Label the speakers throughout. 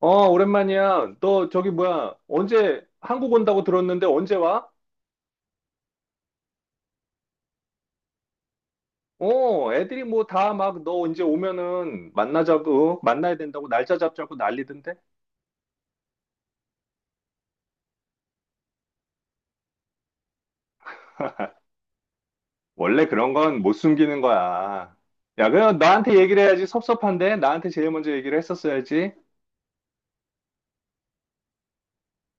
Speaker 1: 어, 오랜만이야. 너 저기 뭐야? 언제 한국 온다고 들었는데 언제 와? 어, 애들이 뭐 다 막 너 언제 오면은 만나자고 만나야 된다고 날짜 잡자고 난리던데. 원래 그런 건 못 숨기는 거야. 야, 그럼 나한테 얘기를 해야지 섭섭한데 나한테 제일 먼저 얘기를 했었어야지.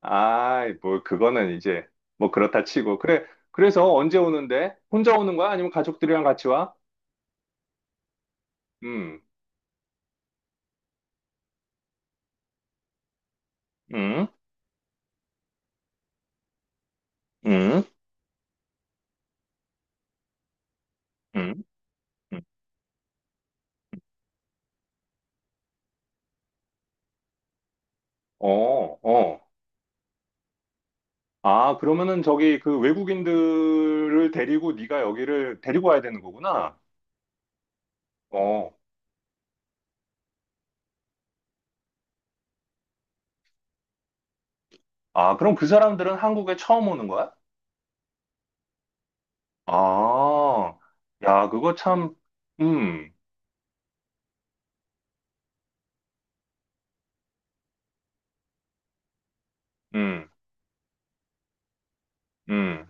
Speaker 1: 아이, 뭐 그거는 이제 뭐 그렇다 치고. 그래. 그래서 언제 오는데? 혼자 오는 거야? 아니면 가족들이랑 같이 와? 음. 음. 음. 음. 음. 어, 어. 아, 그러면은 저기 그 외국인들을 데리고 네가 여기를 데리고 와야 되는 거구나. 어. 아, 그럼 그 사람들은 한국에 처음 오는 거야? 아, 야, 그거 참, 음, 음, 음,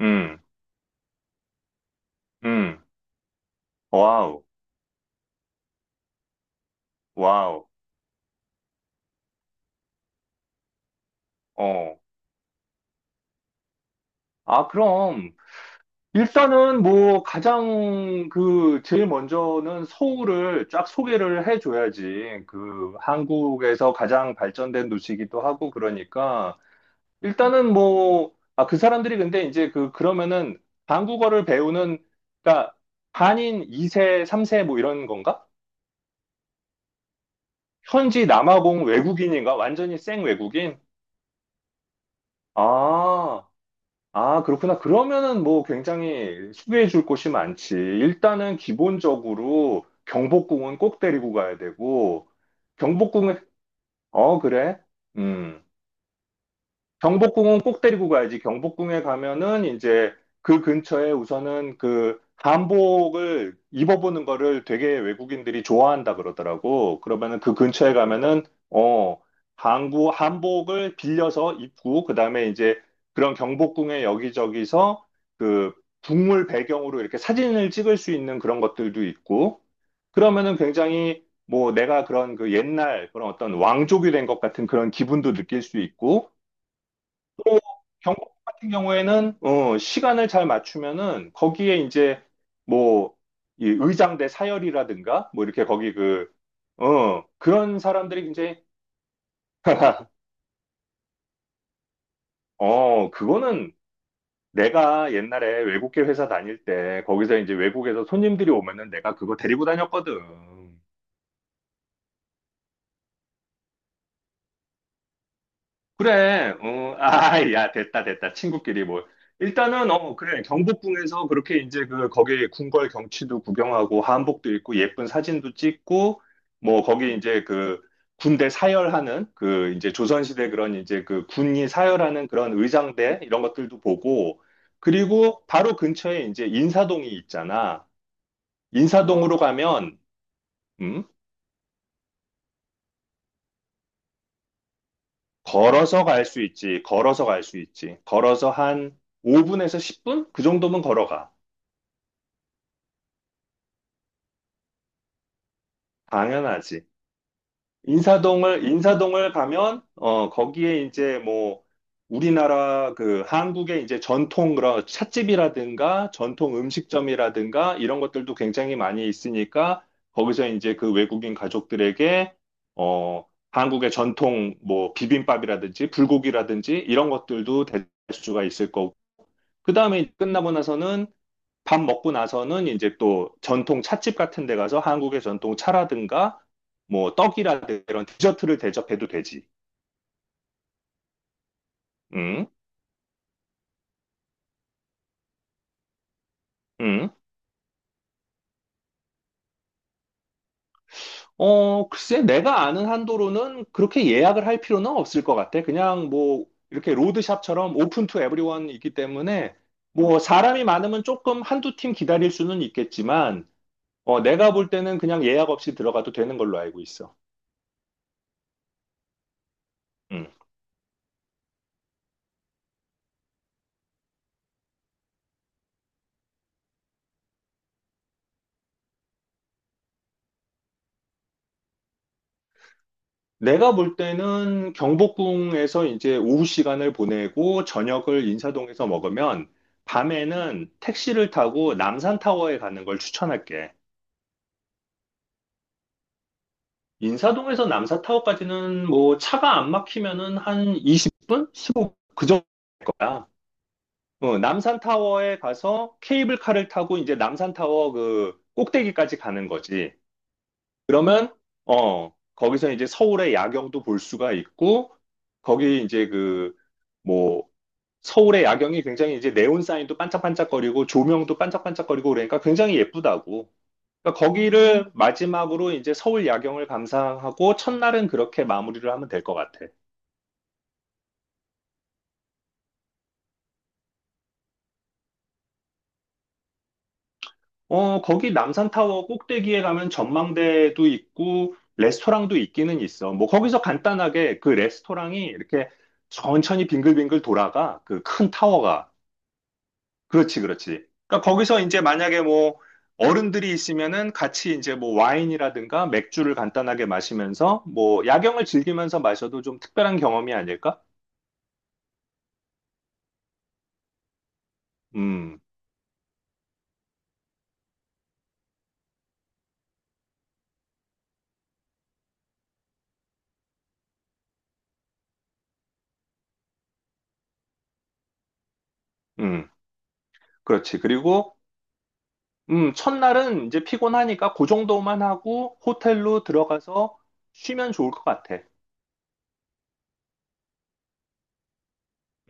Speaker 1: 음, 음, 와우, 와우, 어. 아, 그럼 일단은 뭐 가장 그 제일 먼저는 서울을 쫙 소개를 해줘야지. 그 한국에서 가장 발전된 도시이기도 하고 그러니까. 일단은 뭐, 아, 그 사람들이 근데 이제 그, 그러면은 한국어를 배우는, 그러니까 한인 2세, 3세 뭐 이런 건가? 현지 남아공 외국인인가? 완전히 생 외국인? 아, 아, 그렇구나. 그러면은 뭐 굉장히 소개해 줄 곳이 많지. 일단은 기본적으로 경복궁은 꼭 데리고 가야 되고, 경복궁은, 어, 그래? 음. 경복궁은 꼭 데리고 가야지. 경복궁에 가면은 이제 그 근처에 우선은 그 한복을 입어보는 거를 되게 외국인들이 좋아한다 그러더라고. 그러면은 그 근처에 가면은 어 한국 한복을 빌려서 입고 그다음에 이제 그런 경복궁의 여기저기서 그 북물 배경으로 이렇게 사진을 찍을 수 있는 그런 것들도 있고 그러면은 굉장히 뭐 내가 그런 그 옛날 그런 어떤 왕족이 된 것 같은 그런 기분도 느낄 수 있고 경복 같은 경우에는 어, 시간을 잘 맞추면은 거기에 이제 뭐 이 의장대 사열이라든가 뭐 이렇게 거기 그 그런 사람들이 굉장히 어, 그거는 내가 옛날에 외국계 회사 다닐 때 거기서 이제 외국에서 손님들이 오면은 내가 그거 데리고 다녔거든. 그래, 어, 아, 야, 됐다, 됐다. 친구끼리 뭐. 일단은, 어, 그래. 경복궁에서 그렇게 이제 그, 거기 궁궐 경치도 구경하고, 한복도 입고, 예쁜 사진도 찍고, 뭐, 거기 이제 그, 군대 사열하는, 그, 이제 조선시대 그런 이제 그, 군이 사열하는 그런 의장대, 이런 것들도 보고, 그리고 바로 근처에 이제 인사동이 있잖아. 인사동으로 가면, 음? 걸어서 갈 수 있지, 걸어서 갈 수 있지. 걸어서 한 5분에서 10분? 그 정도면 걸어가. 당연하지. 인사동을 가면, 어, 거기에 이제 뭐, 우리나라 그 한국의 이제 전통 그런 찻집이라든가 전통 음식점이라든가 이런 것들도 굉장히 많이 있으니까 거기서 이제 그 외국인 가족들에게, 한국의 전통 뭐 비빔밥이라든지 불고기라든지 이런 것들도 될 수가 있을 거고 그 다음에 끝나고 나서는 밥 먹고 나서는 이제 또 전통 찻집 같은 데 가서 한국의 전통 차라든가 뭐 떡이라든가 이런 디저트를 대접해도 되지. 응? 응? 어, 글쎄, 내가 아는 한도로는 그렇게 예약을 할 필요는 없을 것 같아. 그냥 뭐 이렇게 로드샵처럼 오픈 투 에브리원이기 때문에 뭐 사람이 많으면 조금 한두 팀 기다릴 수는 있겠지만 어, 내가 볼 때는 그냥 예약 없이 들어가도 되는 걸로 알고 있어. 음. 내가 볼 때는 경복궁에서 이제 오후 시간을 보내고 저녁을 인사동에서 먹으면 밤에는 택시를 타고 남산타워에 가는 걸 추천할게. 인사동에서 남산타워까지는 뭐 차가 안 막히면은 한 20분? 15분? 그 정도일 거야. 어, 남산타워에 가서 케이블카를 타고 이제 남산타워 그 꼭대기까지 가는 거지. 그러면, 어, 거기서 이제 서울의 야경도 볼 수가 있고, 거기 이제 그, 뭐 서울의 야경이 굉장히 이제 네온 사인도 반짝반짝거리고 조명도 반짝반짝거리고 그러니까 굉장히 예쁘다고. 그러니까 거기를 마지막으로 이제 서울 야경을 감상하고 첫날은 그렇게 마무리를 하면 될 것 같아. 어, 거기 남산타워 꼭대기에 가면 전망대도 있고 레스토랑도 있기는 있어. 뭐 거기서 간단하게 그 레스토랑이 이렇게 천천히 빙글빙글 돌아가. 그 큰 타워가. 그렇지, 그렇지. 그러니까 거기서 이제 만약에 뭐 어른들이 있으면은 같이 이제 뭐 와인이라든가 맥주를 간단하게 마시면서 뭐 야경을 즐기면서 마셔도 좀 특별한 경험이 아닐까? 음, 음, 그렇지. 그리고 첫날은 이제 피곤하니까 그 정도만 하고 호텔로 들어가서 쉬면 좋을 것 같아.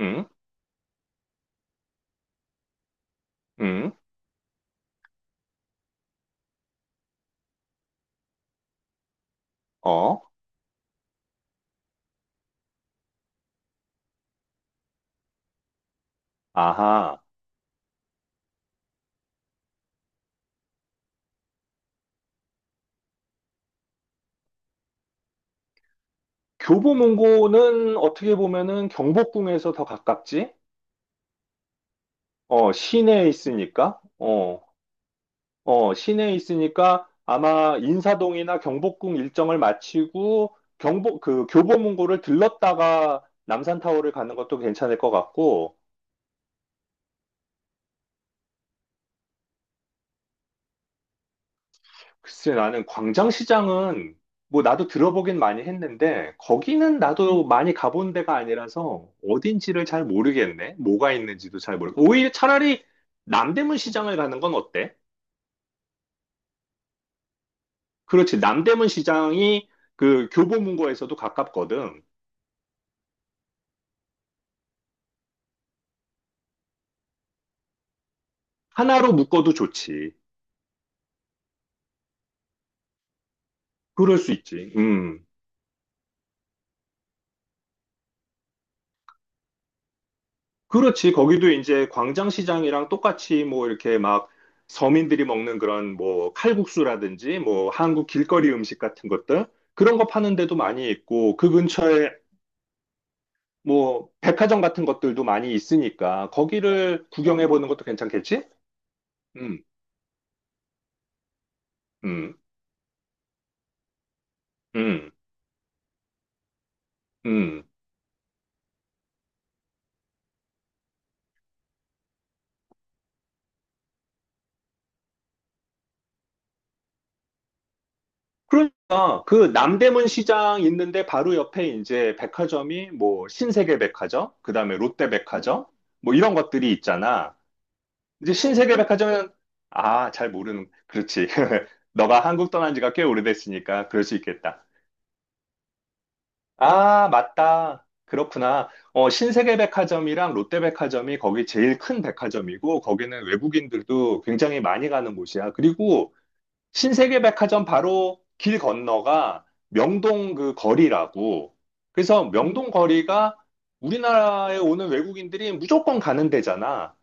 Speaker 1: 음, 음, 어, 아하. 교보문고는 어떻게 보면은 경복궁에서 더 가깝지? 어, 시내에 있으니까. 어. 어, 시내에 있으니까 아마 인사동이나 경복궁 일정을 마치고 경복 그 교보문고를 들렀다가 남산타워를 가는 것도 괜찮을 것 같고 글쎄 나는 광장시장은 뭐 나도 들어보긴 많이 했는데 거기는 나도 많이 가본 데가 아니라서 어딘지를 잘 모르겠네. 뭐가 있는지도 잘 모르고 오히려 차라리 남대문 시장을 가는 건 어때? 그렇지. 남대문 시장이 그 교보문고에서도 가깝거든. 하나로 묶어도 좋지. 그럴 수 있지. 음. 그렇지. 거기도 이제 광장시장이랑 똑같이 뭐 이렇게 막 서민들이 먹는 그런 뭐 칼국수라든지 뭐 한국 길거리 음식 같은 것들 그런 거 파는 데도 많이 있고 그 근처에 뭐 백화점 같은 것들도 많이 있으니까 거기를 구경해 보는 것도 괜찮겠지? 음, 음, 음, 음. 그러니까 그 남대문 시장 있는데 바로 옆에 이제 백화점이 뭐 신세계 백화점, 그다음에 롯데 백화점 뭐 이런 것들이 있잖아. 이제 신세계백화점은 아, 잘 모르는. 그렇지. 너가 한국 떠난 지가 꽤 오래됐으니까 그럴 수 있겠다. 아, 맞다. 그렇구나. 어, 신세계백화점이랑 롯데백화점이 거기 제일 큰 백화점이고 거기는 외국인들도 굉장히 많이 가는 곳이야. 그리고 신세계백화점 바로 길 건너가 명동 그 거리라고. 그래서 명동 거리가 우리나라에 오는 외국인들이 무조건 가는 데잖아.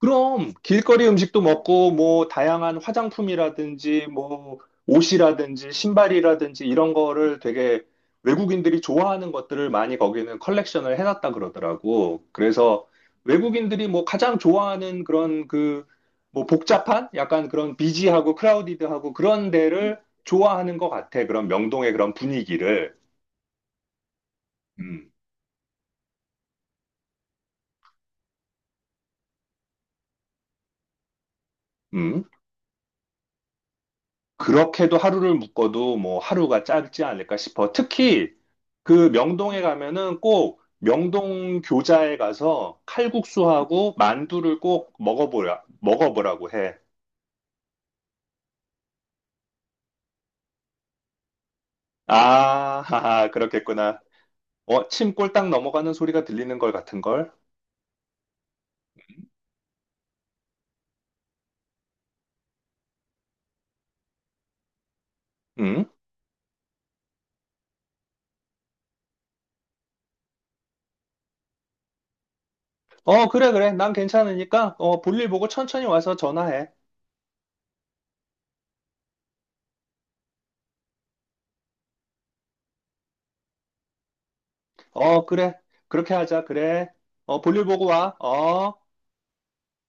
Speaker 1: 그럼 길거리 음식도 먹고 뭐 다양한 화장품이라든지 뭐 옷이라든지 신발이라든지 이런 거를 되게 외국인들이 좋아하는 것들을 많이 거기는 컬렉션을 해놨다 그러더라고. 그래서 외국인들이 뭐 가장 좋아하는 그런 그 뭐 복잡한 약간 그런 비지하고 크라우디드하고 그런 데를 좋아하는 것 같아. 그런 명동의 그런 분위기를. 음, 음. 그렇게도 하루를 묶어도 뭐 하루가 짧지 않을까 싶어. 특히 그 명동에 가면은 꼭 명동 교자에 가서 칼국수하고 만두를 꼭 먹어보라고 해. 아, 하하, 그렇겠구나. 어, 침 꼴딱 넘어가는 소리가 들리는 걸 같은걸? 응? 어, 그래, 그래. 난 괜찮으니까, 어, 볼일 보고 천천히 와서 전화해. 어, 그래. 그렇게 하자, 그래. 어, 볼일 보고 와. 어.